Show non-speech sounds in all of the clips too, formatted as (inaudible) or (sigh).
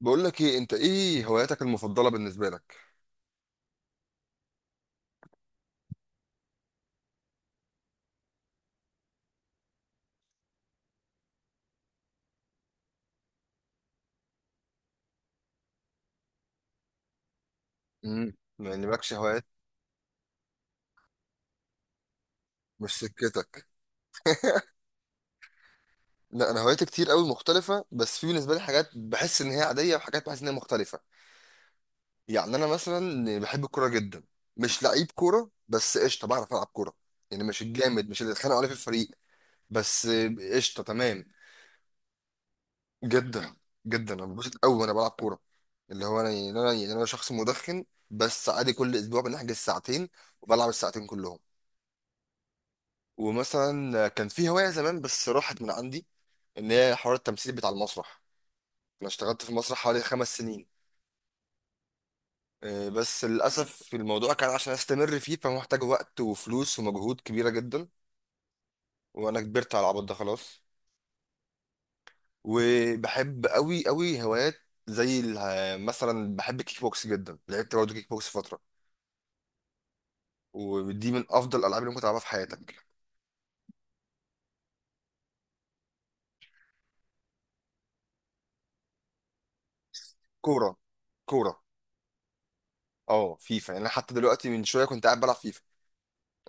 بقول لك ايه، انت ايه هواياتك المفضله بالنسبه لك؟ يعني مالكش هوايات؟ مش سكتك. لا، انا هواياتي كتير قوي مختلفه، بس في بالنسبه لي حاجات بحس ان هي عاديه وحاجات بحس ان هي مختلفه. يعني انا مثلا بحب الكوره جدا. مش لعيب كوره، بس قشطه بعرف العب كوره. يعني مش الجامد، مش اللي اتخانقوا عليه في الفريق. بس قشطه تمام. جدا. جدا، انا ببسط قوي وانا بلعب كوره. اللي هو انا شخص مدخن، بس عادي كل اسبوع بنحجز ساعتين وبلعب الساعتين كلهم. ومثلا كان في هواية زمان بس راحت من عندي، ان هي حوار التمثيل بتاع المسرح. انا اشتغلت في مسرح حوالي 5 سنين. بس للأسف الموضوع كان عشان استمر فيه فمحتاج وقت وفلوس ومجهود كبيرة جدا، وانا كبرت على العبط ده خلاص. وبحب قوي قوي هوايات زي مثلا بحب الكيك بوكس جدا، لعبت برضه كيك بوكس فترة. ودي من افضل الالعاب اللي ممكن تلعبها في حياتك. كورة. كورة. اه، فيفا. يعني انا حتى دلوقتي من شوية كنت قاعد بلعب فيفا.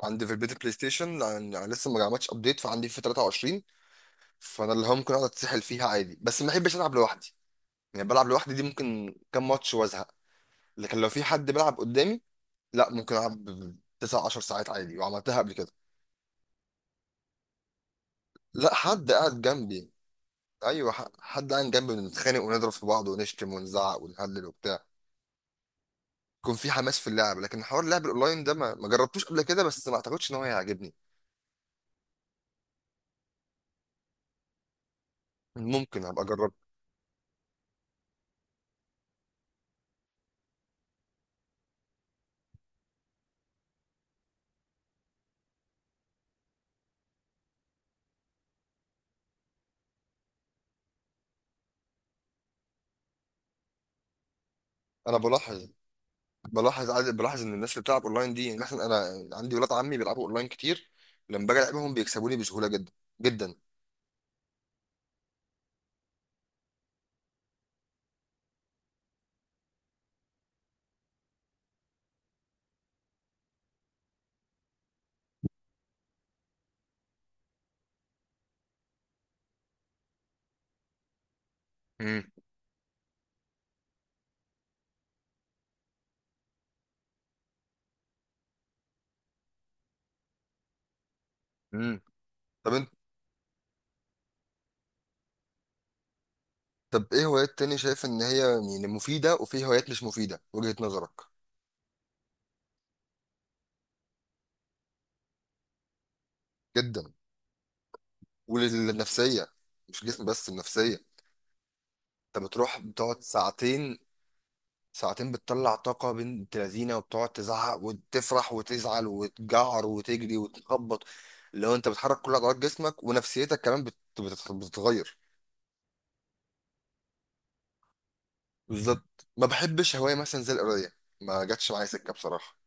عندي في البيت البلاي ستيشن، لان يعني لسه ما جمعتش ابديت فعندي في 23. فانا اللي هو ممكن اقعد اتسحل فيها عادي، بس ما بحبش العب لوحدي. يعني بلعب لوحدي دي ممكن كام ماتش وازهق. لكن لو في حد بيلعب قدامي، لا ممكن العب 9 10 ساعات عادي وعملتها قبل كده. لا، حد قاعد جنبي. ايوه، حد قاعد جنبي، بنتخانق ونضرب في بعض ونشتم ونزعق ونهلل وبتاع. يكون في حماس في اللعب. لكن حوار اللعب الاونلاين ده ما جربتوش قبل كده، بس ما اعتقدش ان هو هيعجبني. ممكن ابقى اجرب. انا بلاحظ ان الناس اللي بتلعب اونلاين دي، يعني مثلا انا عندي ولاد عمي بيلعبوا اونلاين كتير، لما باجي العبهم بيكسبوني بسهوله جدا. جدا. امم. امم. طب انت، طب ايه هوايات تاني شايف ان هي يعني مفيده، وفي هوايات مش مفيده وجهه نظرك؟ جدا، وللنفسيه. مش جسم بس، النفسيه. انت بتروح بتقعد ساعتين. ساعتين بتطلع طاقه بنت لذينه، وبتقعد تزعق وتفرح وتزعل وتجعر وتجري وتخبط. لو انت بتحرك كل عضلات جسمك ونفسيتك كمان بتتغير. بالظبط. ما بحبش هواية مثلا زي القراية. ما جاتش معايا سكة بصراحة.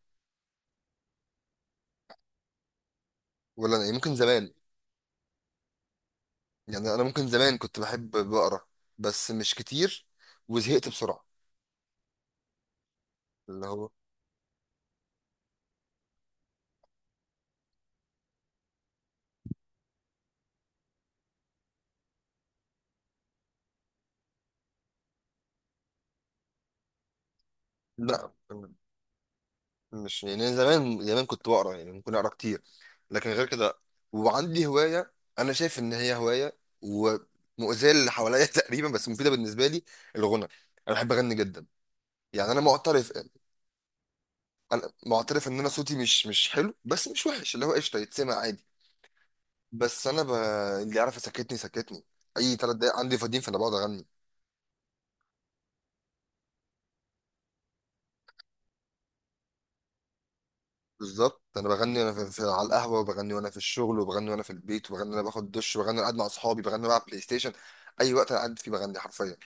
ولا أنا، يعني ممكن زمان. يعني أنا ممكن زمان كنت بحب بقرا، بس مش كتير، وزهقت بسرعة. اللي هو، لا، مش يعني أنا زمان زمان كنت بقرا يعني ممكن أقرا كتير، لكن غير كده. وعندي هواية، أنا شايف إن هي هواية ومؤذية للي حواليا (laughs) تقريبا، بس مفيدة بالنسبة لي. الغنى. أنا بحب أغني جدا. يعني أنا معترف، أنا معترف إن أنا صوتي مش حلو، بس مش وحش، اللي هو قشطة يتسمع عادي. بس انا ب... اللي يعرف يسكتني سكتني. اي 3 دقايق عندي فاضيين فانا بقعد اغني. بالظبط، انا بغني وانا في على القهوه، وبغني وانا في الشغل، وبغني وانا في البيت، وبغني وانا باخد دش، وبغني وانا قاعد مع اصحابي، بغني وانا بلعب بلاي ستيشن. اي وقت انا قاعد فيه بغني حرفيا.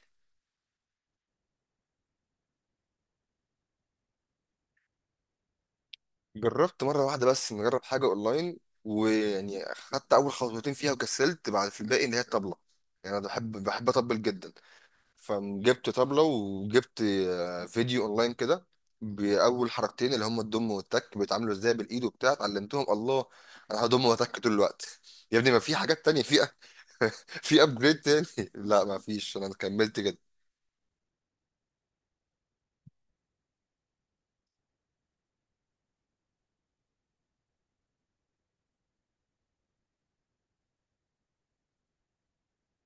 جربت مره واحده بس نجرب حاجه اونلاين، ويعني خدت اول خطوتين فيها وكسلت بعد في الباقي، اللي هي الطبله. يعني انا بحب اطبل جدا. فجبت طبلة وجبت فيديو اونلاين كده. بأول حركتين اللي هم الضم والتك بيتعاملوا ازاي بالايد وبتاع اتعلمتهم. الله، انا هضم واتك طول الوقت. يا ابني ما في حاجات تانية في (laughs) في ابجريد تاني؟ لا ما فيش، انا كملت كده.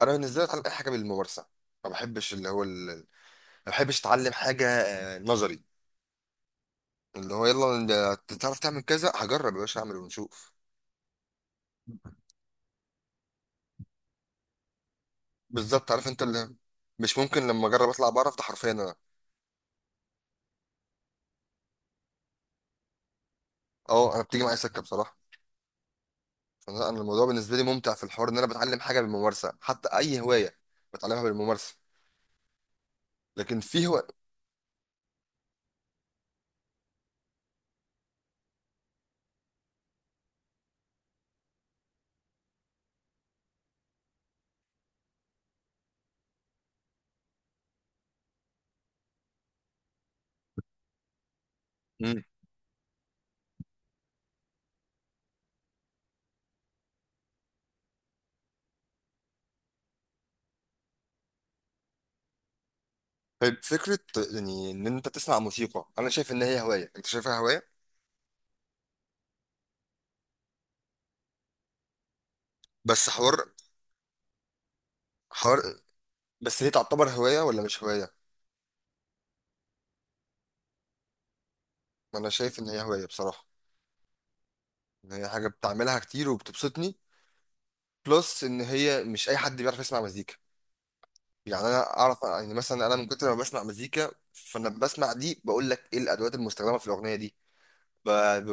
انا بالنسبة لي اتعلم اي حاجة بالممارسة. ما بحبش اللي هو ما بحبش اتعلم حاجة نظري. اللي هو يلا، انت تعرف تعمل كذا هجرب يا باشا، اعمل ونشوف. بالظبط، عارف انت اللي مش ممكن. لما اجرب اطلع بعرف ده حرفيا انا. اه، انا بتيجي معايا سكة بصراحة. انا الموضوع بالنسبه لي ممتع في الحوار، ان انا بتعلم حاجه بالممارسه. حتى اي هوايه بتعلمها بالممارسه. لكن في هو. مم. طيب، فكره يعني ان انت تسمع موسيقى. انا شايف ان هي هوايه. انت شايفها هوايه؟ بس حوار. حوار. بس هي تعتبر هوايه ولا مش هوايه؟ انا شايف ان هي هوايه بصراحه، ان هي حاجه بتعملها كتير وبتبسطني، بلس ان هي مش اي حد بيعرف يسمع مزيكا. يعني انا اعرف. يعني مثلا انا من كتر ما بسمع مزيكا، فانا بسمع دي بقول لك ايه الادوات المستخدمه في الاغنيه دي.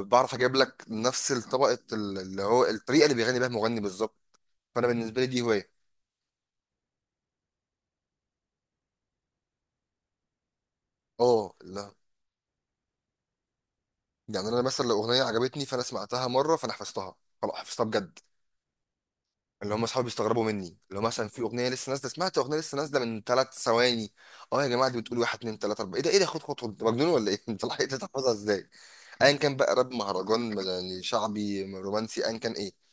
بعرف اجيب لك نفس طبقه اللي هو الطريقه اللي بيغني بيها المغني بالظبط. فانا بالنسبه لي دي هوايه. اه، لا. يعني انا مثلا لو اغنيه عجبتني فانا سمعتها مره، فانا حفظتها. خلاص حفظتها بجد. اللي هم اصحابي بيستغربوا مني لو مثلا في اغنيه لسه نازله، سمعت اغنيه لسه نازله من 3 ثواني. اه يا جماعه دي بتقول واحد اتنين تلاته اربعه، ايه ده، ايه ده، خد خد خد، أنت مجنون ولا ايه؟ (laughs) انت لحقت تحفظها ازاي؟ ايا كان بقى راب، مهرجان يعني، شعبي، رومانسي، ايا كان ايه.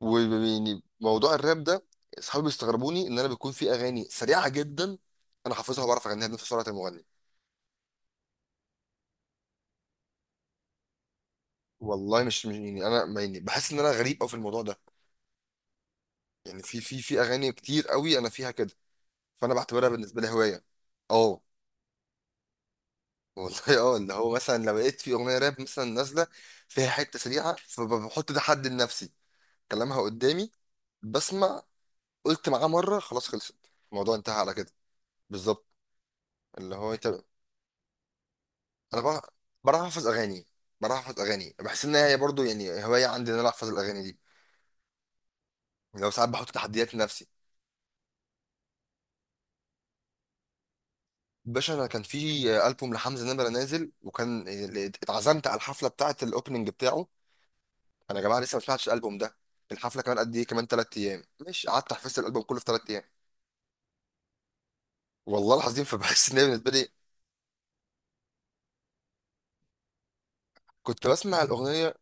ويعني موضوع الراب ده، اصحابي بيستغربوني ان انا بيكون في اغاني سريعه جدا انا حافظها وبعرف اغنيها بنفس سرعه المغني. والله مش يعني انا يعني بحس ان انا غريب قوي في الموضوع ده. يعني في اغاني كتير قوي انا فيها كده. فانا بعتبرها بالنسبه لي هوايه. اه. والله اه، اللي هو مثلا لو لقيت في اغنيه راب مثلا نازله فيها حته سريعه، فبحط ده حد لنفسي، كلامها قدامي، بسمع. قلت معاه مره، خلاص خلصت. الموضوع انتهى على كده. بالظبط. اللي هو انت. انا بعرف. بعرف احفظ اغاني بعرف احفظ اغاني بحس ان هي برضو يعني هوايه عندي، ان انا احفظ الاغاني دي. يعني لو ساعات بحط تحديات لنفسي. باشا انا كان في البوم لحمزه نمره نازل، وكان اتعزمت على الحفله بتاعه الاوبننج بتاعه. انا يا جماعه لسه ما سمعتش الالبوم ده، الحفله كمان قد ايه؟ كمان 3 ايام. مش قعدت حفظت الالبوم كله في 3 ايام. والله العظيم. فبحس ان هي بالنسبه لي. كنت بسمع الاغنيه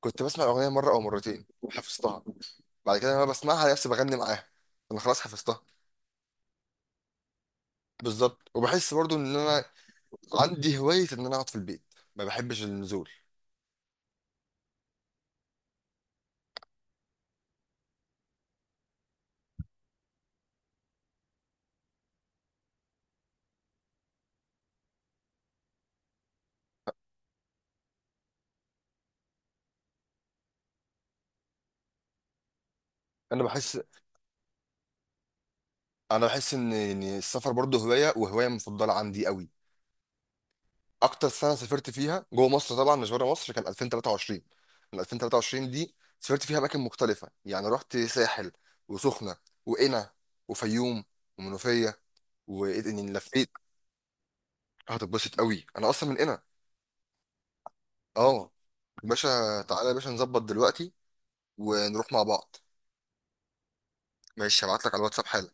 كنت بسمع الاغنيه مره او مرتين حفظتها. بعد كده انا بسمعها نفسي بغني معاها. انا خلاص حفظتها. بالظبط. وبحس برضو ان انا عندي هواية إن أنا أقعد في البيت، ما بحبش النزول. أنا بحس أنا بحس إن السفر برضه هواية، وهواية مفضلة عندي قوي. أكتر سنة سافرت فيها جوه مصر طبعا مش بره مصر كان 2023. من 2023 دي سافرت فيها أماكن مختلفة، يعني رحت ساحل، وسخنة، وقنا، وفيوم، ومنوفية، وإني لفيت. هتتبسط قوي، أنا أصلا من قنا. أه. يا باشا، تعالى يا باشا نظبط دلوقتي ونروح مع بعض. ماشي، هبعت لك على الواتساب حالا.